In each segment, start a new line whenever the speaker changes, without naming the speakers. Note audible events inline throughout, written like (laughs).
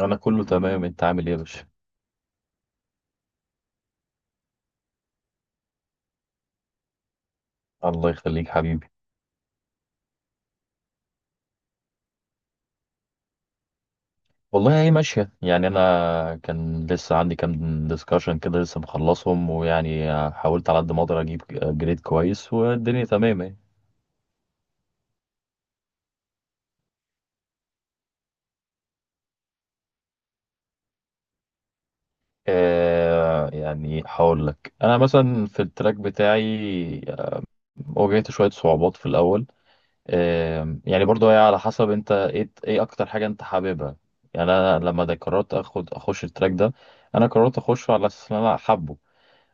انا كله تمام. انت عامل ايه يا باشا؟ الله يخليك حبيبي. والله هي ماشيه، يعني انا كان لسه عندي كام ديسكشن كده لسه مخلصهم، ويعني حاولت على قد ما اقدر اجيب جريد كويس، والدنيا تمام اهي. يعني هقول لك انا مثلا في التراك بتاعي واجهت شويه صعوبات في الاول. يعني برضو هي على حسب انت ايه اكتر حاجه انت حاببها. يعني انا لما ده قررت اخش التراك ده. انا قررت اخشه على اساس ان انا حابه.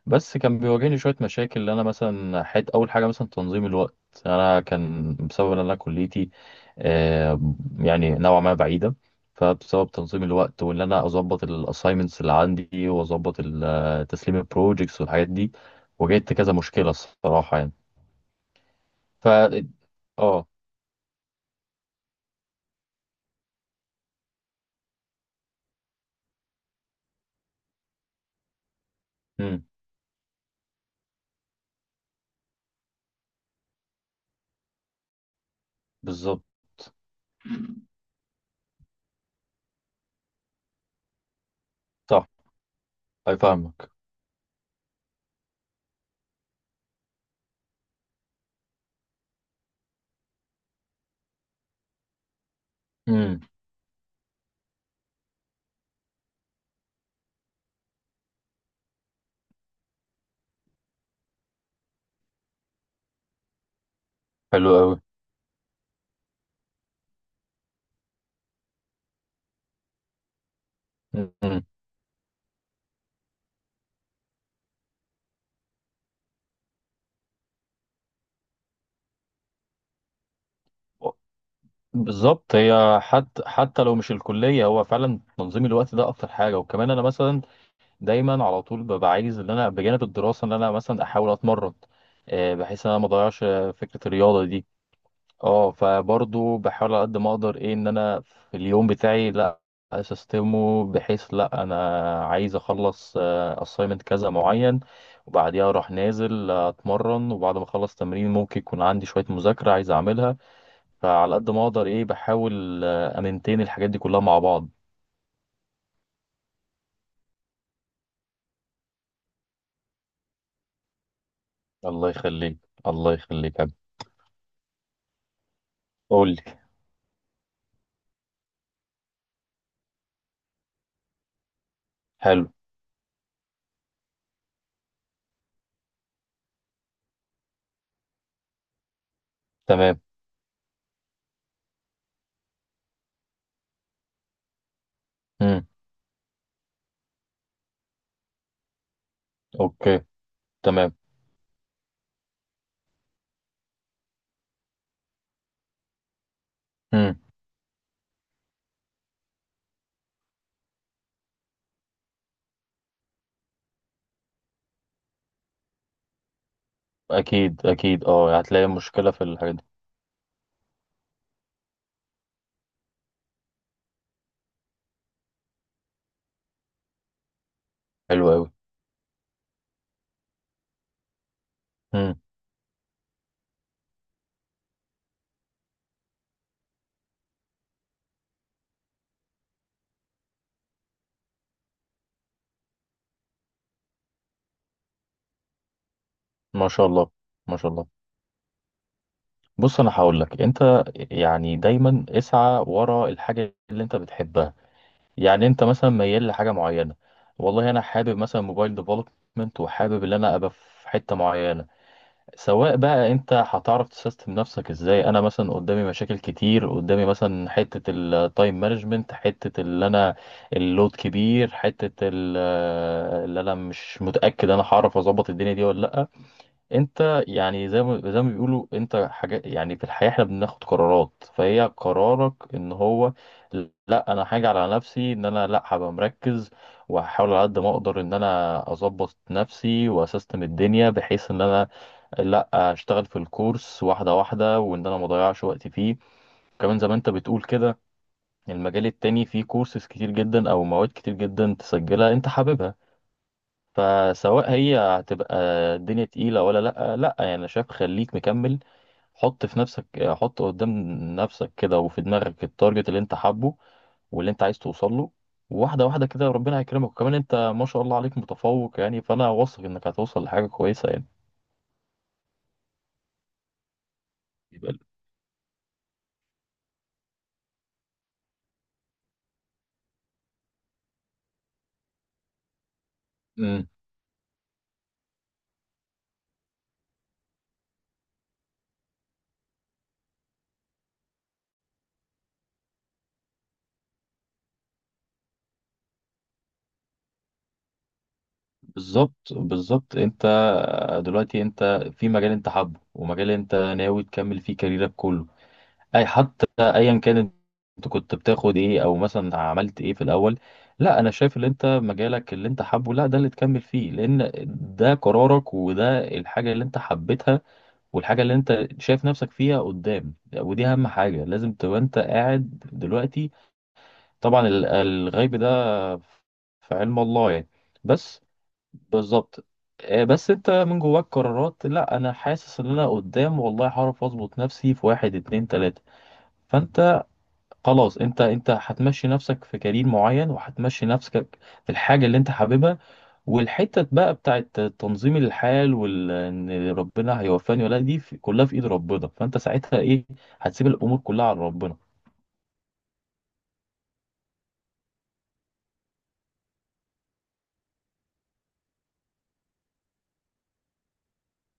بس كان بيواجهني شوية مشاكل، اللي أنا مثلا أول حاجة مثلا تنظيم الوقت. أنا كان بسبب إن أنا كليتي آه، يعني نوعا ما بعيدة. فبسبب تنظيم الوقت وإن أنا أظبط الأسايمنتس اللي عندي وأظبط تسليم البروجيكتس والحاجات دي. واجهت كذا مشكلة الصراحة يعني. ف آه أمم. بالظبط. صح. أي، فاهمك. أمم. حلو أوي. أمم. بالظبط، هي حتى لو مش الكلية هو فعلا تنظيم الوقت ده أكتر حاجة. وكمان أنا مثلا دايما على طول ببقى عايز ان انا بجانب الدراسه ان انا مثلا احاول اتمرن، بحيث ان انا ما اضيعش فكره الرياضه دي. اه فبرضو بحاول على قد ما اقدر ايه ان انا في اليوم بتاعي لا اسيستمه، بحيث لا انا عايز اخلص اسايمنت كذا معين وبعديها اروح نازل اتمرن، وبعد ما اخلص تمرين ممكن يكون عندي شويه مذاكره عايز اعملها. فعلى قد ما اقدر ايه بحاول امنتين الحاجات دي كلها مع بعض. الله يخليك. الله يخليك يا حبيبي. قول لي. حلو. تمام. امم. اوكي. تمام. امم. اكيد اكيد، هتلاقي مشكله في الحاجات دي. حلو قوي. امم. ما شاء الله. ما شاء الله. بص انا هقول لك انت، يعني دايما اسعى ورا الحاجه اللي انت بتحبها. يعني انت مثلا ميال لحاجه معينه. والله انا حابب مثلا موبايل ديفلوبمنت وحابب ان انا ابقى في حته معينه. سواء بقى انت هتعرف تسيستم نفسك ازاي. انا مثلا قدامي مشاكل كتير، قدامي مثلا حتة التايم مانجمنت، حتة اللي انا اللود كبير، اللي انا مش متأكد انا هعرف اظبط الدنيا دي ولا لا. انت يعني زي ما بيقولوا، انت حاجة يعني في الحياة احنا بناخد قرارات، فهي قرارك ان هو لا انا حاجة على نفسي ان انا لا هبقى مركز، وهحاول على قد ما اقدر ان انا اظبط نفسي واسيستم الدنيا بحيث ان انا لا اشتغل في الكورس واحده واحده، وان انا ما اضيعش وقتي فيه. كمان زي ما انت بتقول كده، المجال التاني فيه كورسز كتير جدا او مواد كتير جدا تسجلها انت حاببها. فسواء هي هتبقى الدنيا تقيله ولا لا، لا يعني انا شايف خليك مكمل. حط في نفسك، حط قدام نفسك كده، وفي دماغك التارجت اللي انت حابه واللي انت عايز توصل له. واحده واحده كده ربنا هيكرمك، وكمان انت ما شاء الله عليك متفوق، يعني فانا واثق انك هتوصل لحاجه كويسه يعني. يبقى- بالظبط. بالظبط، انت دلوقتي انت في مجال انت حابه، ومجال انت ناوي تكمل فيه كاريرك كله. اي حتى ايا كان انت كنت بتاخد ايه او مثلا عملت ايه في الاول، لا انا شايف ان انت مجالك اللي انت حابه لا ده اللي تكمل فيه، لان ده قرارك وده الحاجة اللي انت حبيتها والحاجة اللي انت شايف نفسك فيها قدام. ودي اهم حاجة لازم تبقى انت قاعد دلوقتي. طبعا الغيب ده في علم الله يعني. بس. بالظبط. بس انت من جواك قرارات لا انا حاسس ان انا قدام والله هعرف اظبط نفسي في واحد اتنين تلاتة. فانت خلاص، انت هتمشي نفسك في كارير معين، وهتمشي نفسك في الحاجة اللي انت حاببها. والحتة بقى بتاعت تنظيم الحال، وال ان ربنا هيوفاني ولا لأ، دي كلها في ايد ربنا. فانت ساعتها ايه هتسيب الامور كلها على ربنا.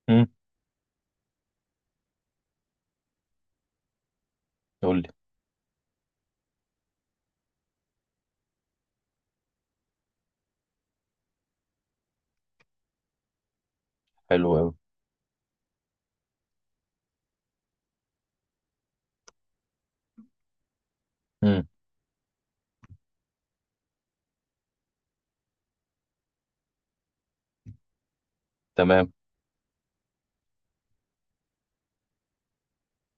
امم. يقول لي. حلو قوي. امم. تمام.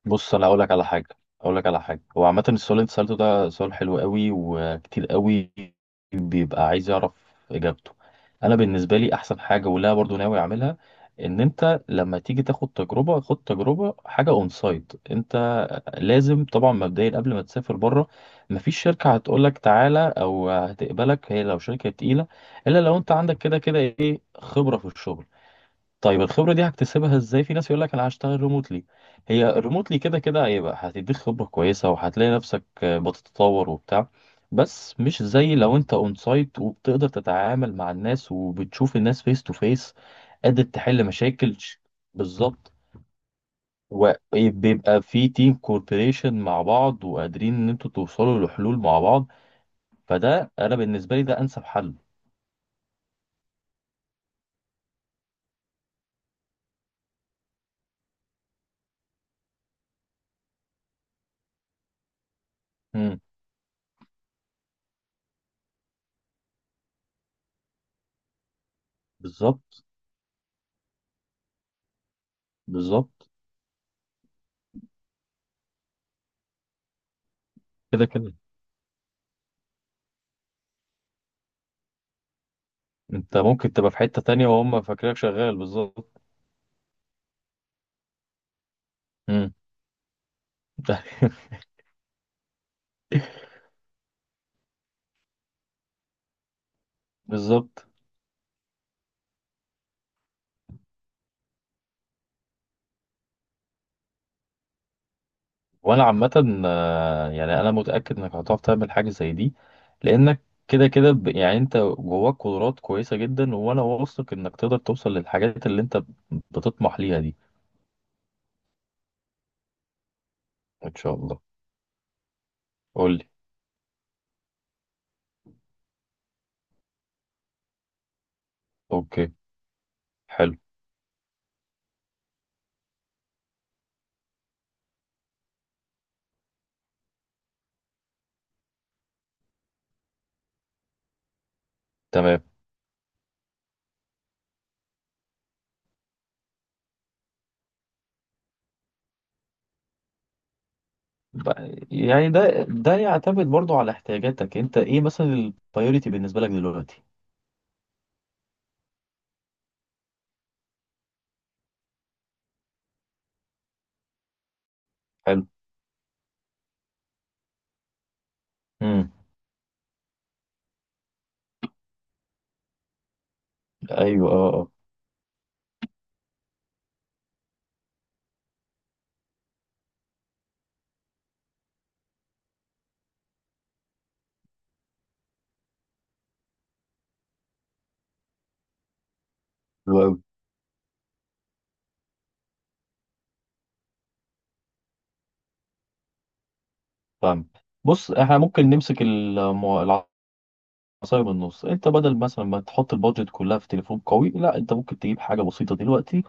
بص انا هقول لك على حاجه. هو عامه السؤال اللي انت سالته ده سؤال حلو قوي، وكتير قوي بيبقى عايز يعرف اجابته. انا بالنسبه لي احسن حاجه، ولا برضو ناوي اعملها، ان انت لما تيجي تاخد تجربه خد تجربه حاجه اون سايت. انت لازم طبعا مبدئيا قبل ما تسافر بره، مفيش شركه هتقول لك تعالى او هتقبلك، هي لو شركه تقيله، الا لو انت عندك كده كده خبره في الشغل. طيب الخبرة دي هكتسبها ازاي؟ في ناس يقول لك انا هشتغل ريموتلي. هي ريموتلي كده كده هيبقى هتديك خبرة كويسة، وهتلاقي نفسك بتتطور وبتاع. بس مش زي لو انت اون سايت وبتقدر تتعامل مع الناس وبتشوف الناس فيس تو فيس، قادر تحل مشاكل بالظبط. وبيبقى في تيم كوربريشن مع بعض، وقادرين ان انتوا توصلوا لحلول مع بعض. فده انا بالنسبة لي ده انسب حل. مم. بالظبط. بالظبط، كده كده انت ممكن تبقى في حتة تانية وهم فاكرينك شغال. بالظبط. مم. (laughs) بالظبط. وانا عامة يعني انا متأكد انك هتعرف تعمل حاجة زي دي، لانك كده كده يعني انت جواك قدرات كويسة جدا، وانا واثق انك تقدر توصل للحاجات اللي انت بتطمح ليها دي. ان شاء الله. قول لي. اوكي. حلو. تمام. يعني ده يعتمد برضو على احتياجاتك انت. ايه مثلا البايوريتي بالنسبة لك دلوقتي؟ حلو. امم. ايوه. اه اه. حلو أوي. فاهم. بص احنا ممكن نمسك العصاية من النص. انت بدل مثلا ما تحط البادجت كلها في تليفون قوي، لا انت ممكن تجيب حاجة بسيطة دلوقتي،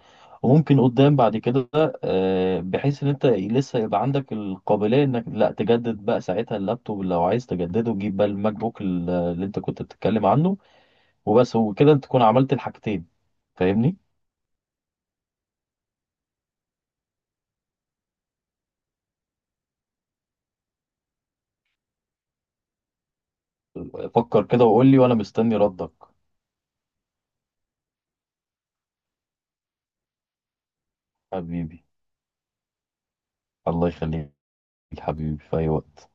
وممكن قدام بعد كده بحيث ان انت لسه يبقى عندك القابلية، انك لا تجدد بقى ساعتها اللابتوب لو عايز تجدده، جيب بقى الماك بوك اللي انت كنت بتتكلم عنه. وبس وكده انت تكون عملت الحاجتين. فاهمني؟ فكر كده وقول لي وانا مستني ردك. حبيبي. الله يخليك. حبيبي في اي وقت.